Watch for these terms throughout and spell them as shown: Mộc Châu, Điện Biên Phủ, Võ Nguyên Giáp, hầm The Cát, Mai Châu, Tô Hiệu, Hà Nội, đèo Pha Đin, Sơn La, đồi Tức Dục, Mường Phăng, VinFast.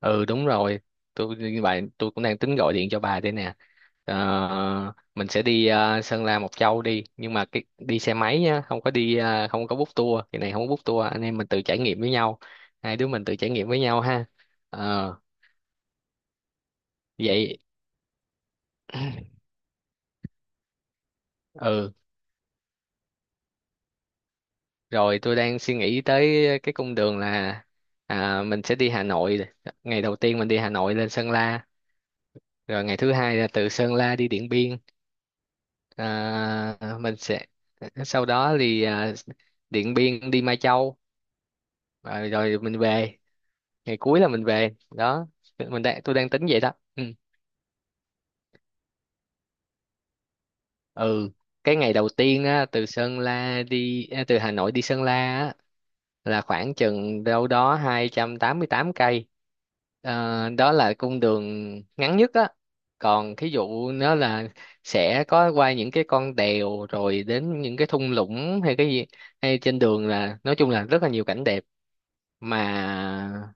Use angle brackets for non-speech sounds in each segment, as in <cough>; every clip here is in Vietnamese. Ừ, đúng rồi. Tôi như vậy tôi cũng đang tính gọi điện cho bà đây nè. Mình sẽ đi Sơn La Mộc Châu đi, nhưng mà cái đi xe máy nhá, không có đi ờ, không có book tour cái này không có book tour, anh em mình tự trải nghiệm với nhau, hai đứa mình tự trải nghiệm với nhau ha. Ờ, vậy ừ Rồi, tôi đang suy nghĩ tới cái cung đường là, mình sẽ đi Hà Nội, ngày đầu tiên mình đi Hà Nội lên Sơn La, rồi ngày thứ hai là từ Sơn La đi Điện Biên. À, mình sẽ Sau đó thì Điện Biên đi Mai Châu, rồi mình về, ngày cuối là mình về đó, mình đang tôi đang tính vậy đó. Ừ. Ừ, cái ngày đầu tiên á, từ Hà Nội đi Sơn La á, là khoảng chừng đâu đó 288 cây. Đó là cung đường ngắn nhất á. Còn thí dụ nó là sẽ có qua những cái con đèo, rồi đến những cái thung lũng hay cái gì, hay trên đường là nói chung là rất là nhiều cảnh đẹp, mà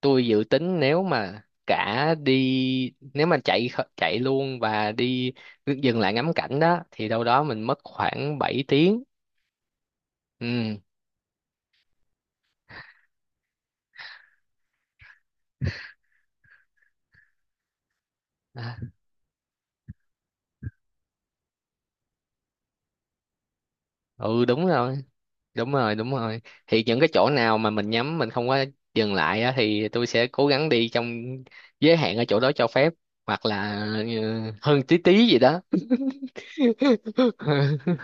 tôi dự tính nếu mà cả đi nếu mà chạy chạy luôn và đi dừng lại ngắm cảnh đó thì đâu đó mình mất khoảng 7 tiếng. Ừ. À, ừ, đúng rồi, đúng rồi, đúng rồi, thì những cái chỗ nào mà mình nhắm mình không có dừng lại á, thì tôi sẽ cố gắng đi trong giới hạn ở chỗ đó cho phép, hoặc là hơn tí tí gì đó. <laughs>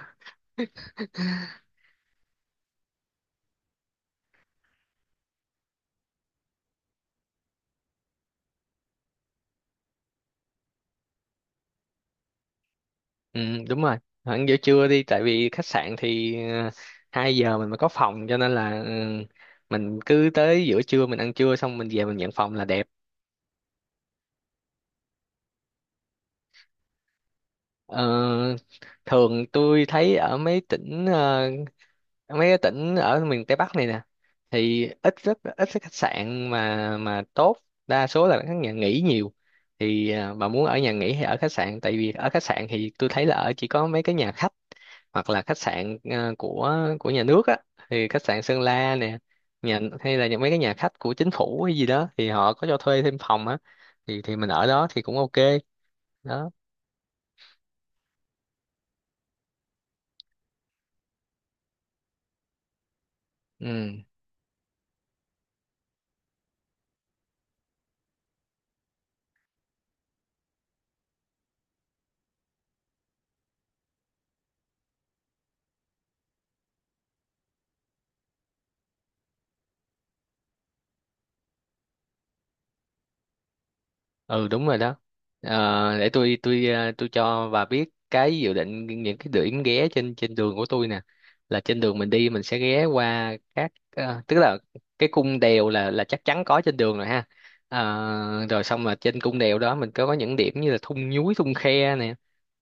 Ừ, đúng rồi. Hẳn giữa trưa đi, tại vì khách sạn thì uh, 2 giờ mình mới có phòng, cho nên là mình cứ tới giữa trưa mình ăn trưa xong mình về mình nhận phòng là đẹp. Ờ, Thường tôi thấy ở mấy tỉnh ờ, ở mấy cái tỉnh ở miền Tây Bắc này nè thì ít, rất ít cái khách sạn mà tốt, đa số là các nhà nghỉ nhiều. Thì bà muốn ở nhà nghỉ hay ở khách sạn, tại vì ở khách sạn thì tôi thấy là ở chỉ có mấy cái nhà khách hoặc là khách sạn của nhà nước á, thì khách sạn Sơn La nè, nhà hay là những mấy cái nhà khách của chính phủ hay gì đó thì họ có cho thuê thêm phòng á, thì mình ở đó thì cũng ok đó. Ừ. Ừ, đúng rồi đó. Để tôi, tôi cho bà biết cái dự định những cái điểm ghé trên trên đường của tôi nè, là trên đường mình đi mình sẽ ghé qua các tức là cái cung đèo là chắc chắn có trên đường rồi ha. Rồi xong là trên cung đèo đó mình có những điểm như là thung nhúi thung khe nè,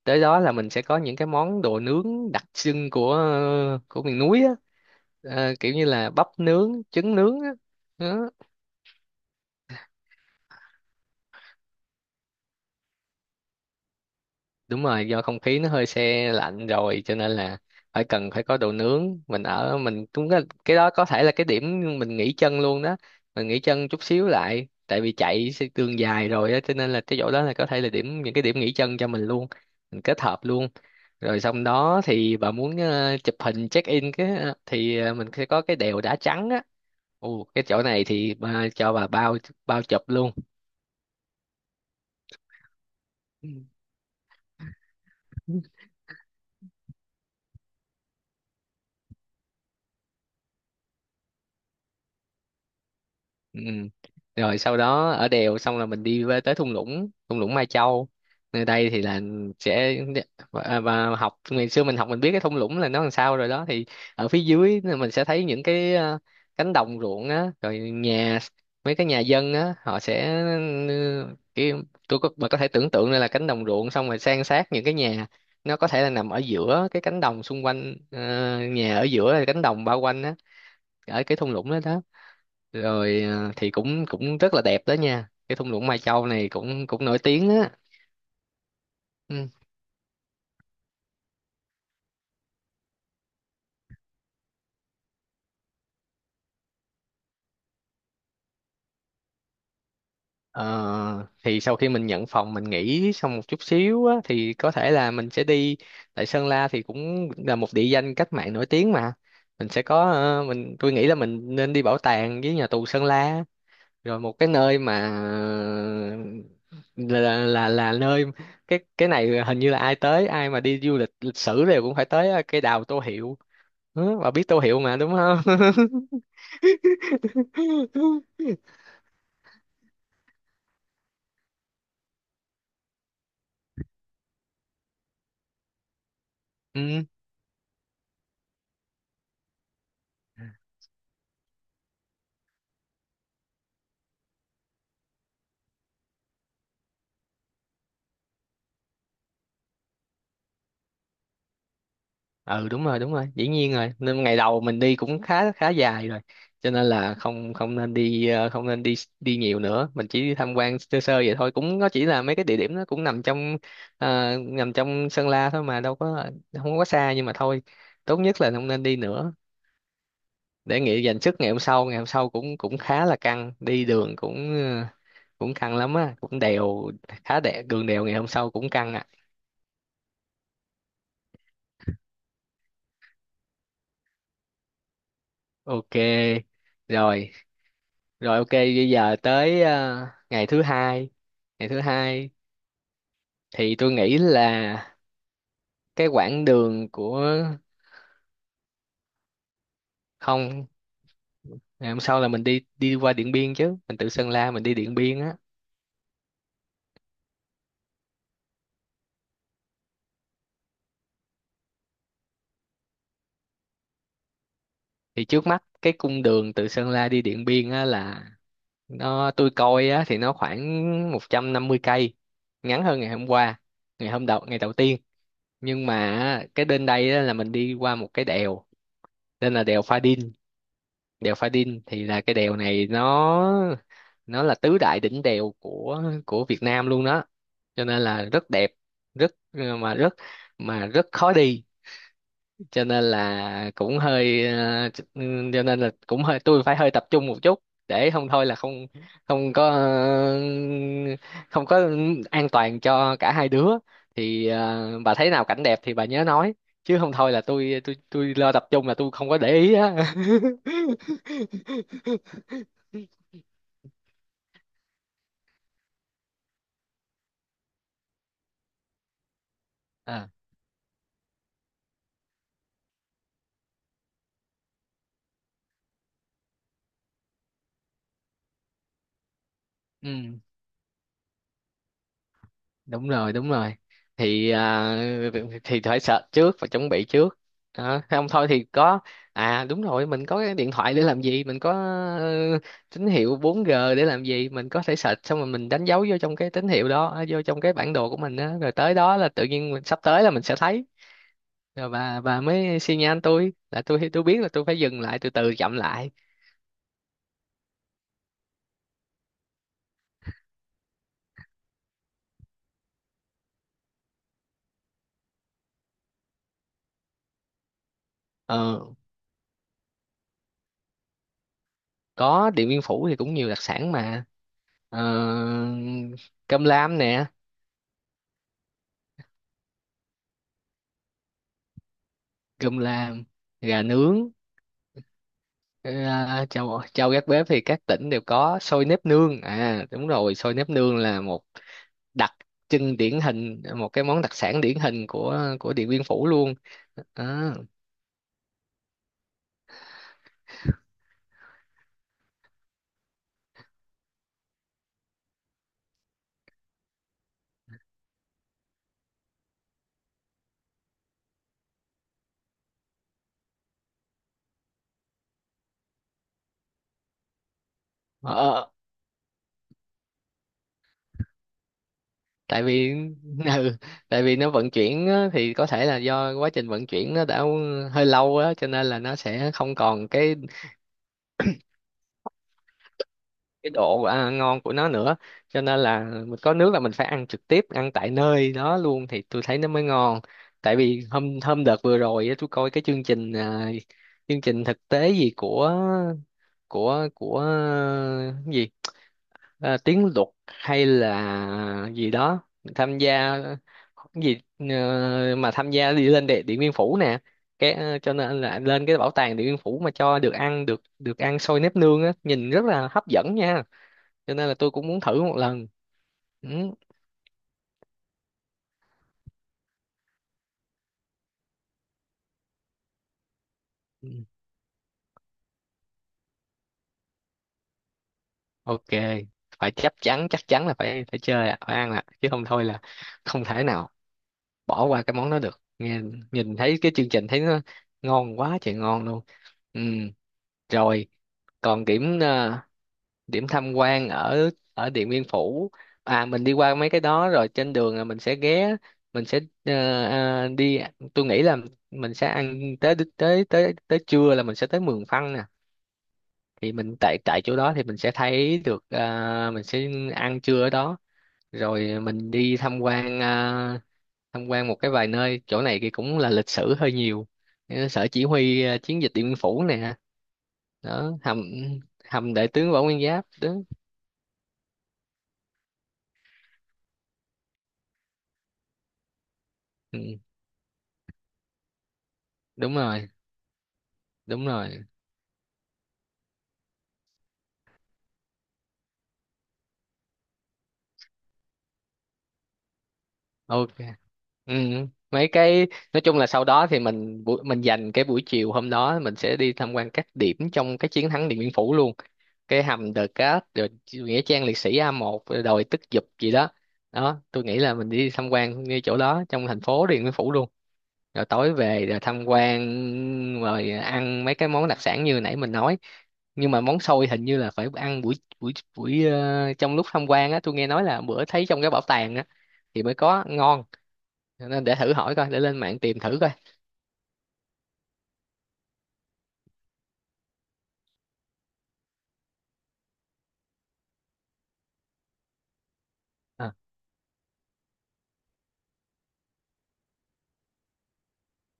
tới đó là mình sẽ có những cái món đồ nướng đặc trưng của miền núi á. Kiểu như là bắp nướng trứng nướng á. Đó. Đúng rồi, do không khí nó hơi se lạnh rồi, cho nên là phải cần phải có đồ nướng, mình ở mình cũng có, cái đó có thể là cái điểm mình nghỉ chân luôn đó, mình nghỉ chân chút xíu lại tại vì chạy sẽ đường dài rồi á cho nên là cái chỗ đó là có thể là điểm, những cái điểm nghỉ chân cho mình luôn, mình kết hợp luôn. Rồi xong đó thì bà muốn chụp hình check in cái mình sẽ có cái đèo đá trắng á, ồ cái chỗ này thì bà, cho bà bao bao chụp luôn. Ừ. Ừ. Rồi sau đó ở đèo xong là mình đi về tới thung lũng, thung lũng Mai Châu, nơi đây thì là sẽ, và học ngày xưa mình học mình biết cái thung lũng là nó làm sao rồi đó, thì ở phía dưới là mình sẽ thấy những cái cánh đồng ruộng á, rồi nhà, mấy cái nhà dân á họ sẽ, ừ, cái tôi có bà có thể tưởng tượng đây là cánh đồng ruộng, xong rồi san sát những cái nhà, nó có thể là nằm ở giữa cái cánh đồng xung quanh, nhà ở giữa là cánh đồng bao quanh á, ở cái thung lũng đó đó, rồi thì cũng cũng rất là đẹp đó nha, cái thung lũng Mai Châu này cũng cũng nổi tiếng á. Ừ. Ờ, thì sau khi mình nhận phòng mình nghỉ xong một chút xíu á, thì có thể là mình sẽ đi, tại Sơn La thì cũng là một địa danh cách mạng nổi tiếng mà, mình sẽ có ờ, mình tôi nghĩ là mình nên đi bảo tàng với nhà tù Sơn La, rồi một cái nơi mà là nơi, cái này hình như là ai tới ai mà đi du lịch lịch sử đều cũng phải tới cái đào Tô Hiệu. Ừ, bà biết tô hiệu mà đúng không? <laughs> Ừ, ừ, đúng rồi, đúng rồi, dĩ nhiên rồi. Nên ngày đầu mình đi cũng khá khá dài rồi, cho nên là không không nên đi, đi nhiều nữa, mình chỉ đi tham quan sơ sơ vậy thôi, cũng nó chỉ là mấy cái địa điểm, nó cũng nằm trong, nằm trong Sơn La thôi mà đâu có, không có xa, nhưng mà thôi, tốt nhất là không nên đi nữa, để nghỉ dành sức ngày hôm sau, ngày hôm sau cũng cũng khá là căng, đi đường cũng cũng căng lắm á, cũng đèo, khá đè đường đèo ngày hôm sau cũng căng. Ok, rồi, rồi ok, bây giờ tới ngày thứ hai. Ngày thứ hai thì tôi nghĩ là cái quãng đường của không, ngày hôm sau là mình đi đi qua Điện Biên chứ, mình từ Sơn La mình đi Điện Biên á. Thì trước mắt cái cung đường từ Sơn La đi Điện Biên á là, nó tôi coi á thì nó khoảng 150 cây, ngắn hơn ngày hôm qua, ngày hôm đầu, ngày đầu tiên. Nhưng mà á, cái đến đây á, là mình đi qua một cái đèo, tên là đèo Pha Đin, thì là cái đèo này nó là tứ đại đỉnh đèo của Việt Nam luôn đó, cho nên là rất đẹp, rất mà rất khó đi, cho nên là cũng hơi cho nên là cũng hơi tôi phải hơi tập trung một chút, để không thôi là không không có ờ, không có an toàn cho cả hai đứa. Thì bà thấy nào cảnh đẹp thì bà nhớ nói, chứ không thôi là tôi lo tập trung là tôi không có để ý á. <laughs> à, ừ. Đúng rồi, đúng rồi, thì thì phải search trước và chuẩn bị trước đó. Không thôi thì có, đúng rồi, mình có cái điện thoại để làm gì, mình có ờ, tín hiệu 4G để làm gì, mình có thể search xong rồi mình đánh dấu vô trong cái tín hiệu đó, vô trong cái bản đồ của mình đó. Rồi tới đó là tự nhiên mình sắp tới là mình sẽ thấy, rồi bà mới xi nhan tôi là tôi biết là tôi phải dừng lại, từ từ chậm lại. ờ có Điện Biên Phủ thì cũng nhiều đặc sản mà, ờ, cơm lam nè, cơm lam gà nướng. Châu châu gác bếp thì các tỉnh đều có, xôi nếp nương, đúng rồi, xôi nếp nương là một đặc trưng điển hình, một cái món đặc sản điển hình của Điện Biên Phủ luôn. À, ờ, ờ, tại vì <laughs> ừ, tại vì nó vận chuyển á, thì có thể là do quá trình vận chuyển nó đã hơi lâu á, cho nên là nó sẽ không còn cái độ ngon của nó nữa, cho nên là mình có nước là mình phải ăn trực tiếp, ăn tại nơi đó luôn thì tôi thấy nó mới ngon. Tại vì hôm hôm đợt vừa rồi á, tôi coi cái chương trình, chương trình thực tế gì của của của à, cái gì tiếng luật hay là gì đó tham gia cái gì ờ, mà tham gia đi lên Điện Biên Phủ nè, cho nên là lên cái bảo tàng Điện Biên Phủ mà cho được ăn, được được ăn xôi nếp nương á, nhìn rất là hấp dẫn nha, cho nên là tôi cũng muốn thử một lần. Ừ. Ừ, ok, phải chắc chắn, chắc chắn là phải phải chơi ạ, phải ăn ạ, chứ không thôi là không thể nào bỏ qua cái món đó được nghe, nhìn thấy cái chương trình thấy nó ngon quá trời, ngon luôn. Ừ. Rồi còn điểm tham quan ở ở Điện Biên Phủ. À, mình đi qua mấy cái đó rồi, trên đường là mình sẽ ghé, mình sẽ ờ, ờ, đi tôi nghĩ là mình sẽ ăn, tới tới tới tới trưa là mình sẽ tới Mường Phăng nè, thì mình tại tại chỗ đó thì mình sẽ thấy được, mình sẽ ăn trưa ở đó, rồi mình đi tham quan, tham quan một cái vài nơi, chỗ này thì cũng là lịch sử hơi nhiều. Sở chỉ huy, chiến dịch Điện Biên Phủ nè, đó hầm hầm đại tướng Võ Nguyên Giáp đúng. Ừ, đúng rồi, đúng rồi, ok. Ừ. Mấy cái, nói chung là sau đó thì mình mình dành cái buổi chiều hôm đó, mình sẽ đi tham quan các điểm trong cái chiến thắng Điện Biên Phủ luôn, cái hầm The Cát, rồi nghĩa trang liệt sĩ A1, rồi đồi Tức Dục gì đó đó, tôi nghĩ là mình đi tham quan ngay chỗ đó trong thành phố Điện Biên Phủ luôn, rồi tối về rồi tham quan, rồi ăn mấy cái món đặc sản như nãy mình nói, nhưng mà món xôi hình như là phải ăn buổi, buổi buổi ờ, trong lúc tham quan á, tôi nghe nói là bữa thấy trong cái bảo tàng á thì mới có ngon, nên để thử hỏi coi, để lên mạng tìm thử coi. Ờ.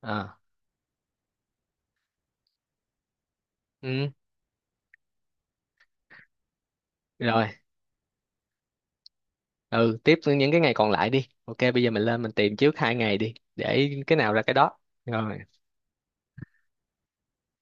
À. Ừ. Rồi, ừ, tiếp những cái ngày còn lại đi, ok bây giờ mình lên mình tìm trước 2 ngày đi, để cái nào ra cái đó, rồi.